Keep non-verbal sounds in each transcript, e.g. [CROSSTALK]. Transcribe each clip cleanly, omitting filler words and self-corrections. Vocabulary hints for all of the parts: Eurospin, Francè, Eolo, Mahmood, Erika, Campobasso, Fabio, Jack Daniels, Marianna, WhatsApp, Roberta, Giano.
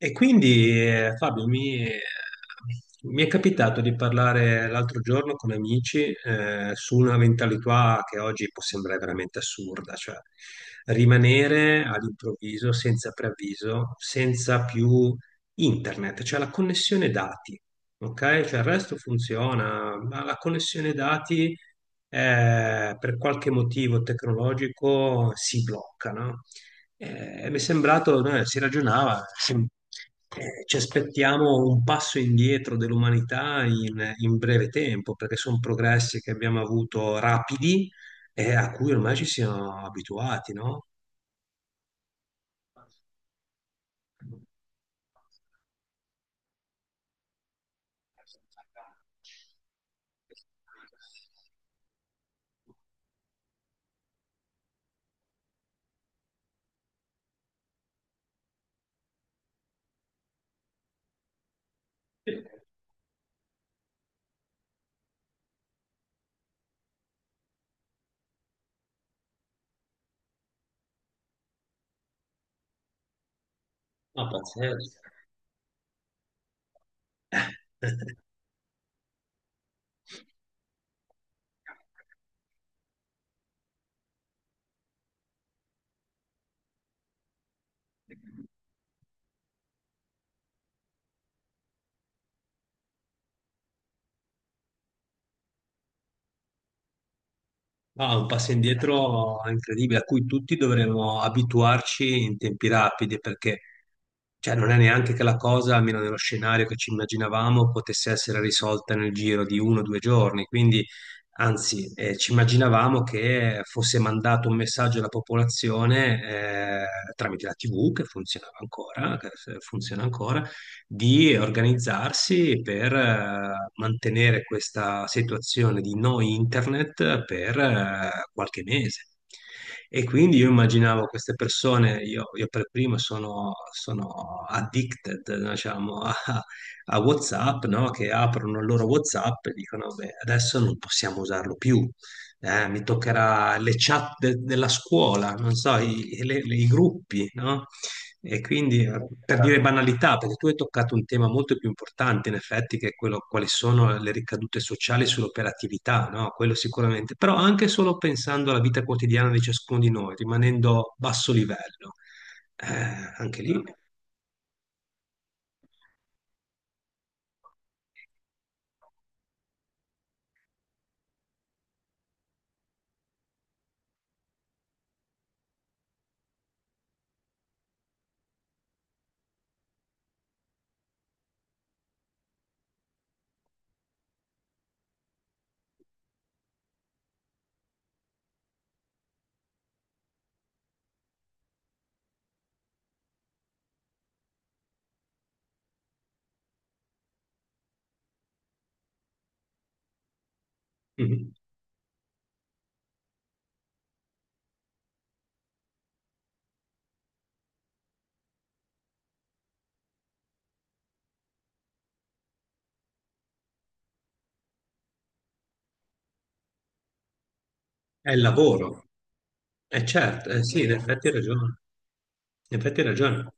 Fabio, mi è capitato di parlare l'altro giorno con amici su una mentalità che oggi può sembrare veramente assurda, cioè rimanere all'improvviso, senza preavviso, senza più internet, cioè la connessione dati, ok? Cioè il resto funziona, ma la connessione dati per qualche motivo tecnologico si blocca, no? Mi è sembrato, no, si ragionava, ci aspettiamo un passo indietro dell'umanità in breve tempo, perché sono progressi che abbiamo avuto rapidi e a cui ormai ci siamo abituati, no? No, pazzesco. [LAUGHS] Ah, un passo indietro incredibile, a cui tutti dovremmo abituarci in tempi rapidi, perché cioè, non è neanche che la cosa, almeno nello scenario che ci immaginavamo, potesse essere risolta nel giro di uno o due giorni. Quindi, anzi, ci immaginavamo che fosse mandato un messaggio alla popolazione tramite la TV, che funzionava ancora, che funziona ancora di organizzarsi per mantenere questa situazione di no internet per qualche mese. E quindi io immaginavo queste persone, io per primo sono, sono addicted, diciamo, a, a WhatsApp, no? Che aprono il loro WhatsApp e dicono, beh, adesso non possiamo usarlo più. Mi toccherà le chat della scuola, non so, i gruppi, no? E quindi per dire banalità, perché tu hai toccato un tema molto più importante, in effetti, che è quello quali sono le ricadute sociali sull'operatività, no? Quello sicuramente, però anche solo pensando alla vita quotidiana di ciascuno di noi, rimanendo a basso livello, anche lì mhm, è il lavoro, è certo, sì, in effetti hai ragione, in effetti hai ragione.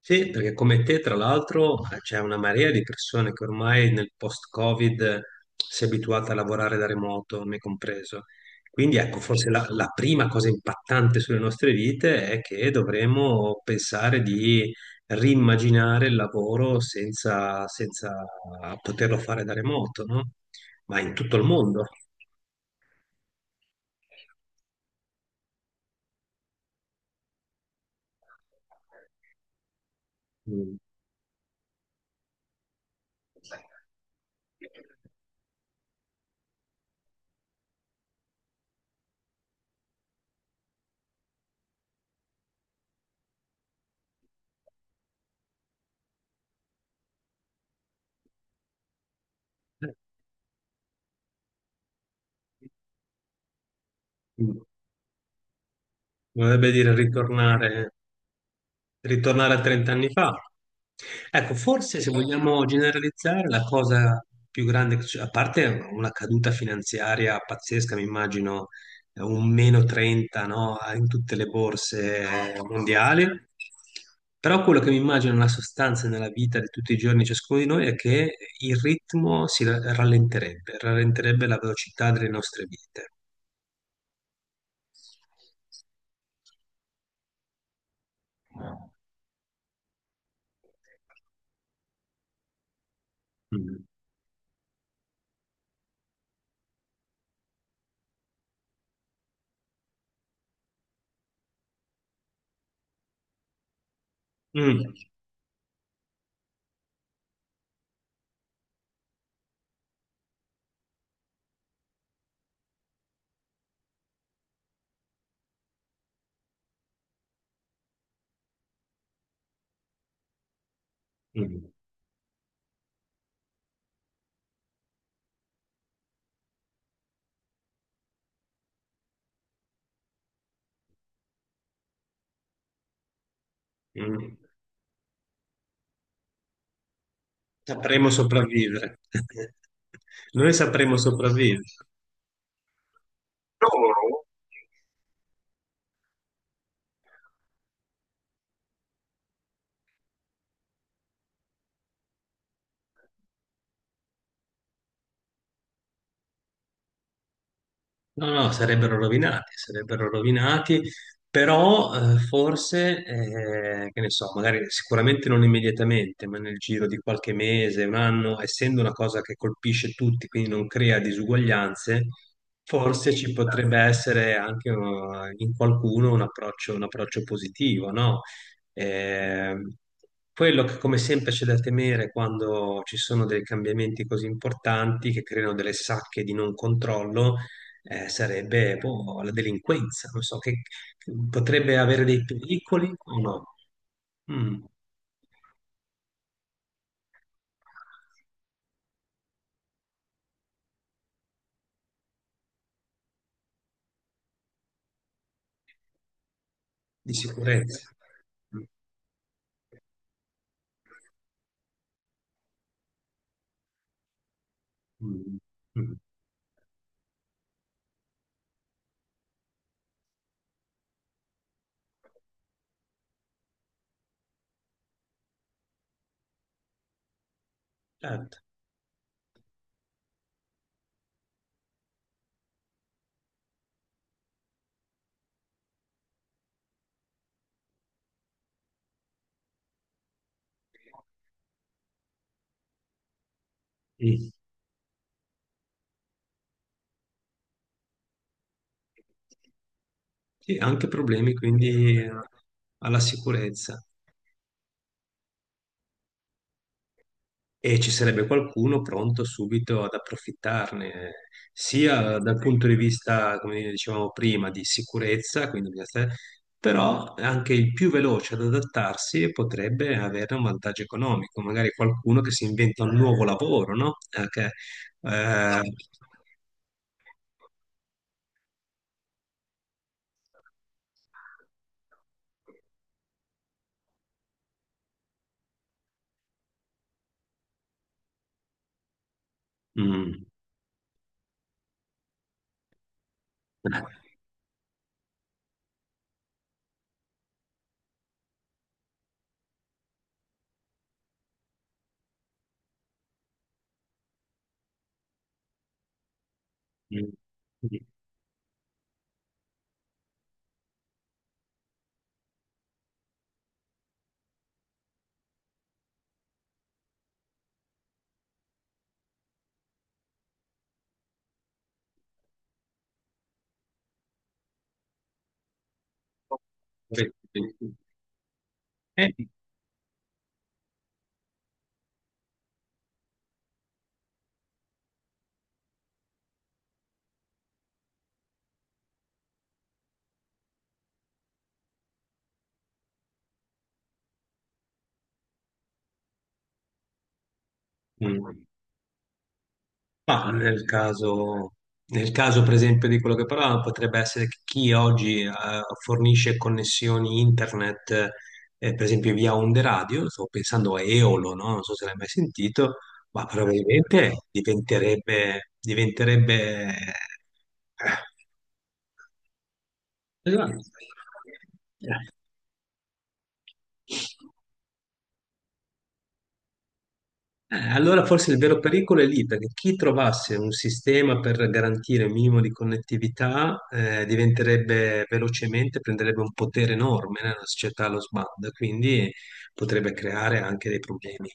Sì, perché come te, tra l'altro, c'è una marea di persone che ormai nel post-Covid si è abituata a lavorare da remoto, me compreso. Quindi ecco, forse la prima cosa impattante sulle nostre vite è che dovremo pensare di rimmaginare il lavoro senza poterlo fare da remoto, no? Ma in tutto il mondo. Mm. Eh, mm. Vorrebbe dire ritornare. Ritornare a 30 anni fa. Ecco, forse se vogliamo generalizzare, la cosa più grande, che a parte una caduta finanziaria pazzesca, mi immagino un meno 30, no, in tutte le borse mondiali, però quello che mi immagino nella sostanza e nella vita di tutti i giorni ciascuno di noi è che il ritmo si rallenterebbe, rallenterebbe la velocità delle nostre vite. Mm. Mm. Mm. Mm. Sapremo sopravvivere. [LAUGHS] Noi sapremo sopravvivere. Loro? No, no, sarebbero rovinati, però forse, che ne so, magari sicuramente non immediatamente, ma nel giro di qualche mese, un anno, essendo una cosa che colpisce tutti, quindi non crea disuguaglianze, forse ci potrebbe essere anche in qualcuno un approccio positivo, no? Eh, quello che come sempre c'è da temere quando ci sono dei cambiamenti così importanti che creano delle sacche di non controllo sarebbe boh, la delinquenza, non so, che potrebbe avere dei pericoli o no? Mm, di sicurezza. Mm, mm, mm, certo. Mm. Sì, anche problemi quindi alla sicurezza. E ci sarebbe qualcuno pronto subito ad approfittarne, sia dal punto di vista, come dicevamo prima, di sicurezza, quindi bisogna stare- però anche il più veloce ad adattarsi potrebbe avere un vantaggio economico, magari qualcuno che si inventa un nuovo lavoro, no? Che, eh, mm, mm, mm, eh, mm. Ma nel caso, per esempio, di quello che parlavamo, potrebbe essere che chi oggi fornisce connessioni internet, per esempio via onde radio, sto pensando a Eolo, no? Non so se l'hai mai sentito, ma però, probabilmente diventerebbe, diventerebbe... esatto. Allora forse il vero pericolo è lì, perché chi trovasse un sistema per garantire un minimo di connettività diventerebbe velocemente, prenderebbe un potere enorme nella società allo sbando, e quindi potrebbe creare anche dei problemi.